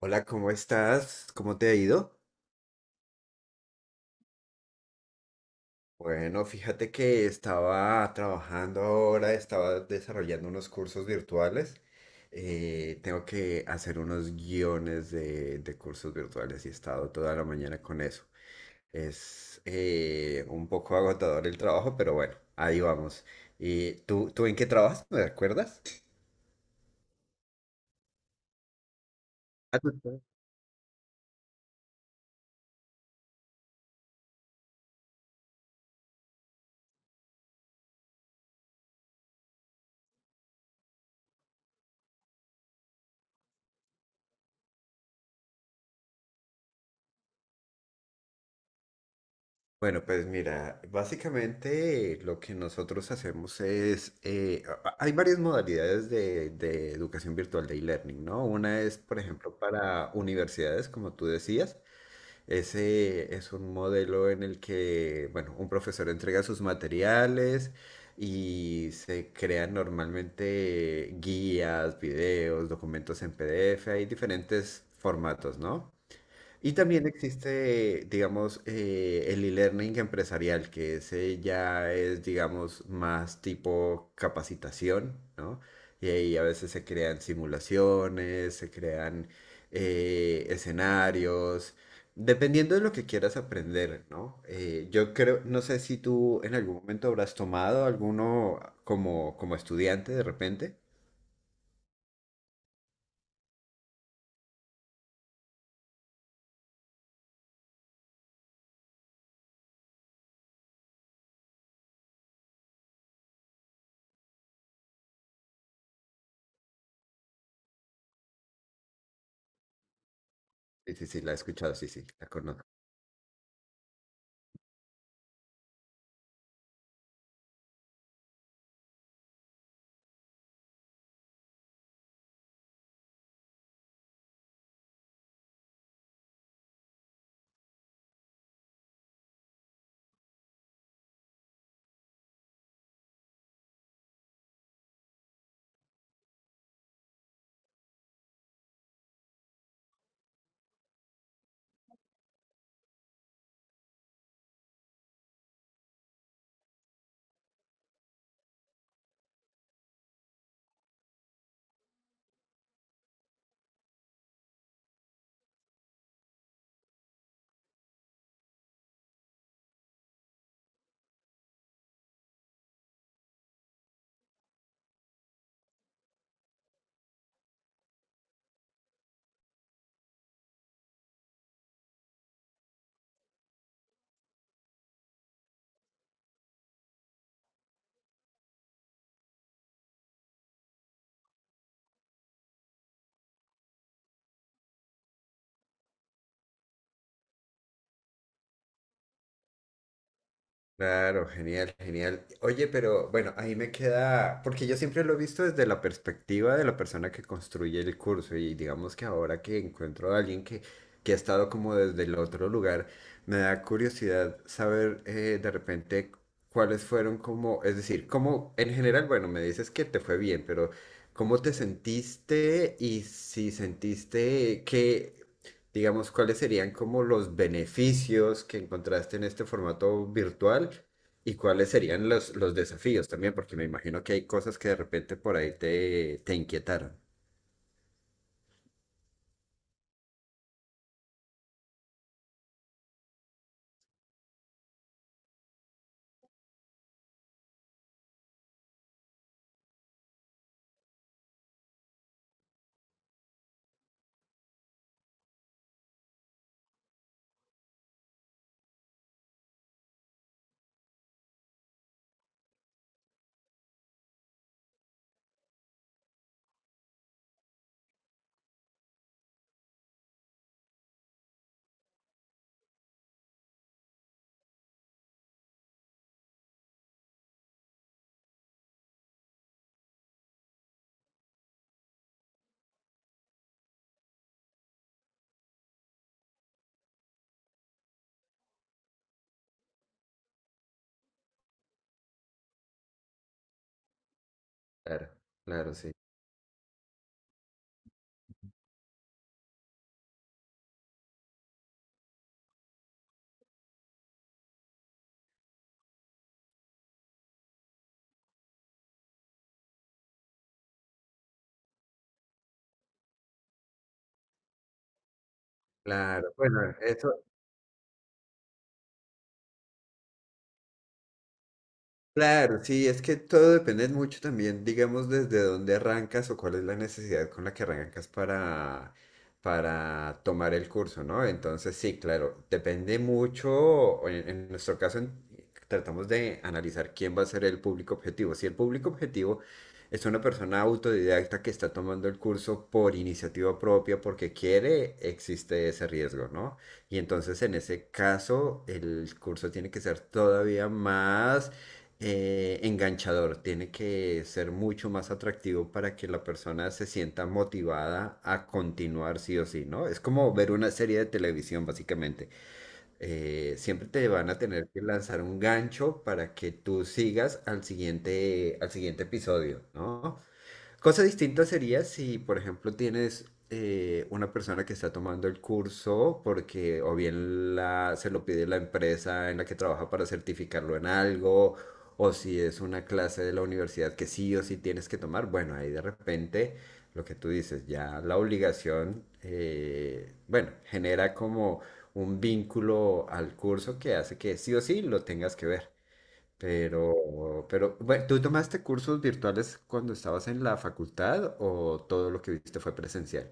Hola, ¿cómo estás? ¿Cómo te ha ido? Bueno, fíjate que estaba trabajando ahora, estaba desarrollando unos cursos virtuales. Tengo que hacer unos guiones de cursos virtuales y he estado toda la mañana con eso. Es un poco agotador el trabajo, pero bueno, ahí vamos. ¿Y tú en qué trabajas? ¿Me recuerdas? Bueno, pues mira, básicamente lo que nosotros hacemos es, hay varias modalidades de educación virtual de e-learning, ¿no? Una es, por ejemplo, para universidades, como tú decías, ese es un modelo en el que, bueno, un profesor entrega sus materiales y se crean normalmente guías, videos, documentos en PDF, hay diferentes formatos, ¿no? Y también existe, digamos, el e-learning empresarial, que ese ya es, digamos, más tipo capacitación, ¿no? Y ahí a veces se crean simulaciones, se crean escenarios, dependiendo de lo que quieras aprender, ¿no? Yo creo, no sé si tú en algún momento habrás tomado alguno como, como estudiante de repente. Sí, sí, sí, la he escuchado, sí, sí, la conozco. Claro, genial, genial. Oye, pero bueno, ahí me queda, porque yo siempre lo he visto desde la perspectiva de la persona que construye el curso y digamos que ahora que encuentro a alguien que ha estado como desde el otro lugar, me da curiosidad saber de repente cuáles fueron como, es decir, cómo en general, bueno, me dices que te fue bien, pero ¿cómo te sentiste y si sentiste que digamos, cuáles serían como los beneficios que encontraste en este formato virtual y cuáles serían los desafíos también, porque me imagino que hay cosas que de repente por ahí te inquietaron. Claro, claro, sí. Claro, bueno, eso, claro, sí, es que todo depende mucho también, digamos, desde dónde arrancas o cuál es la necesidad con la que arrancas para tomar el curso, ¿no? Entonces, sí, claro, depende mucho, o en nuestro caso en- tratamos de analizar quién va a ser el público objetivo. Si el público objetivo es una persona autodidacta que está tomando el curso por iniciativa propia, porque quiere, existe ese riesgo, ¿no? Y entonces, en ese caso, el curso tiene que ser todavía más enganchador, tiene que ser mucho más atractivo para que la persona se sienta motivada a continuar sí o sí, ¿no? Es como ver una serie de televisión, básicamente. Siempre te van a tener que lanzar un gancho para que tú sigas al siguiente episodio, ¿no? Cosa distinta sería si, por ejemplo, tienes una persona que está tomando el curso porque o bien la, se lo pide la empresa en la que trabaja para certificarlo en algo, o si es una clase de la universidad que sí o sí tienes que tomar. Bueno, ahí de repente lo que tú dices, ya la obligación, bueno, genera como un vínculo al curso que hace que sí o sí lo tengas que ver. Bueno, ¿tú tomaste cursos virtuales cuando estabas en la facultad o todo lo que viste fue presencial?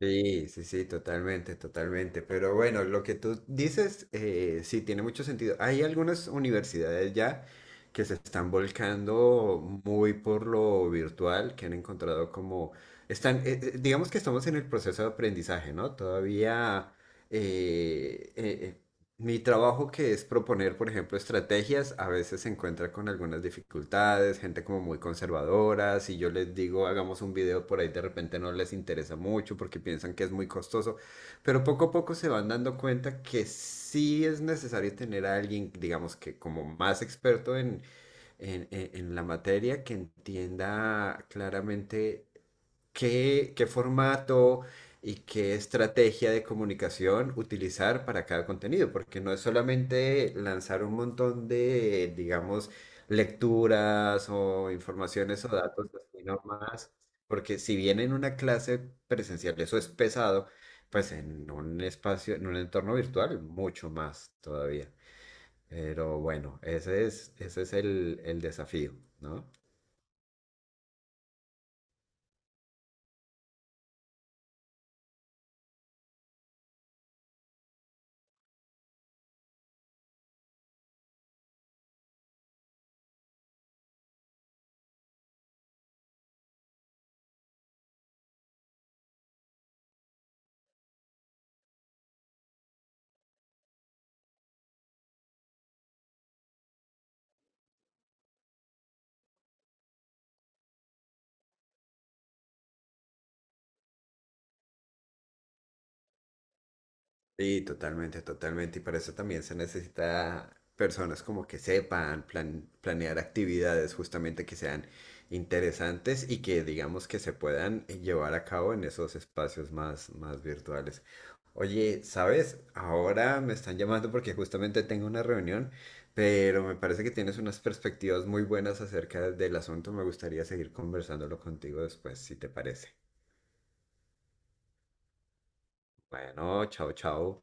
Sí, sí, sí, totalmente, totalmente. Pero bueno, lo que tú dices, sí, tiene mucho sentido. Hay algunas universidades ya que se están volcando muy por lo virtual, que han encontrado como, están, digamos que estamos en el proceso de aprendizaje, ¿no? Todavía, eh, eh, eh, mi trabajo que es proponer, por ejemplo, estrategias, a veces se encuentra con algunas dificultades, gente como muy conservadora, si yo les digo hagamos un video por ahí de repente no les interesa mucho porque piensan que es muy costoso, pero poco a poco se van dando cuenta que sí es necesario tener a alguien, digamos que como más experto en, en la materia, que entienda claramente qué formato y qué estrategia de comunicación utilizar para cada contenido, porque no es solamente lanzar un montón de, digamos, lecturas o informaciones o datos así nomás, porque si bien en una clase presencial eso es pesado, pues en un espacio, en un entorno virtual, mucho más todavía. Pero bueno, ese es el desafío, ¿no? Sí, totalmente, totalmente. Y para eso también se necesita personas como que sepan planear actividades justamente que sean interesantes y que digamos que se puedan llevar a cabo en esos espacios más, más virtuales. Oye, ¿sabes? Ahora me están llamando porque justamente tengo una reunión, pero me parece que tienes unas perspectivas muy buenas acerca del asunto. Me gustaría seguir conversándolo contigo después, si te parece. Bueno, chao, chao.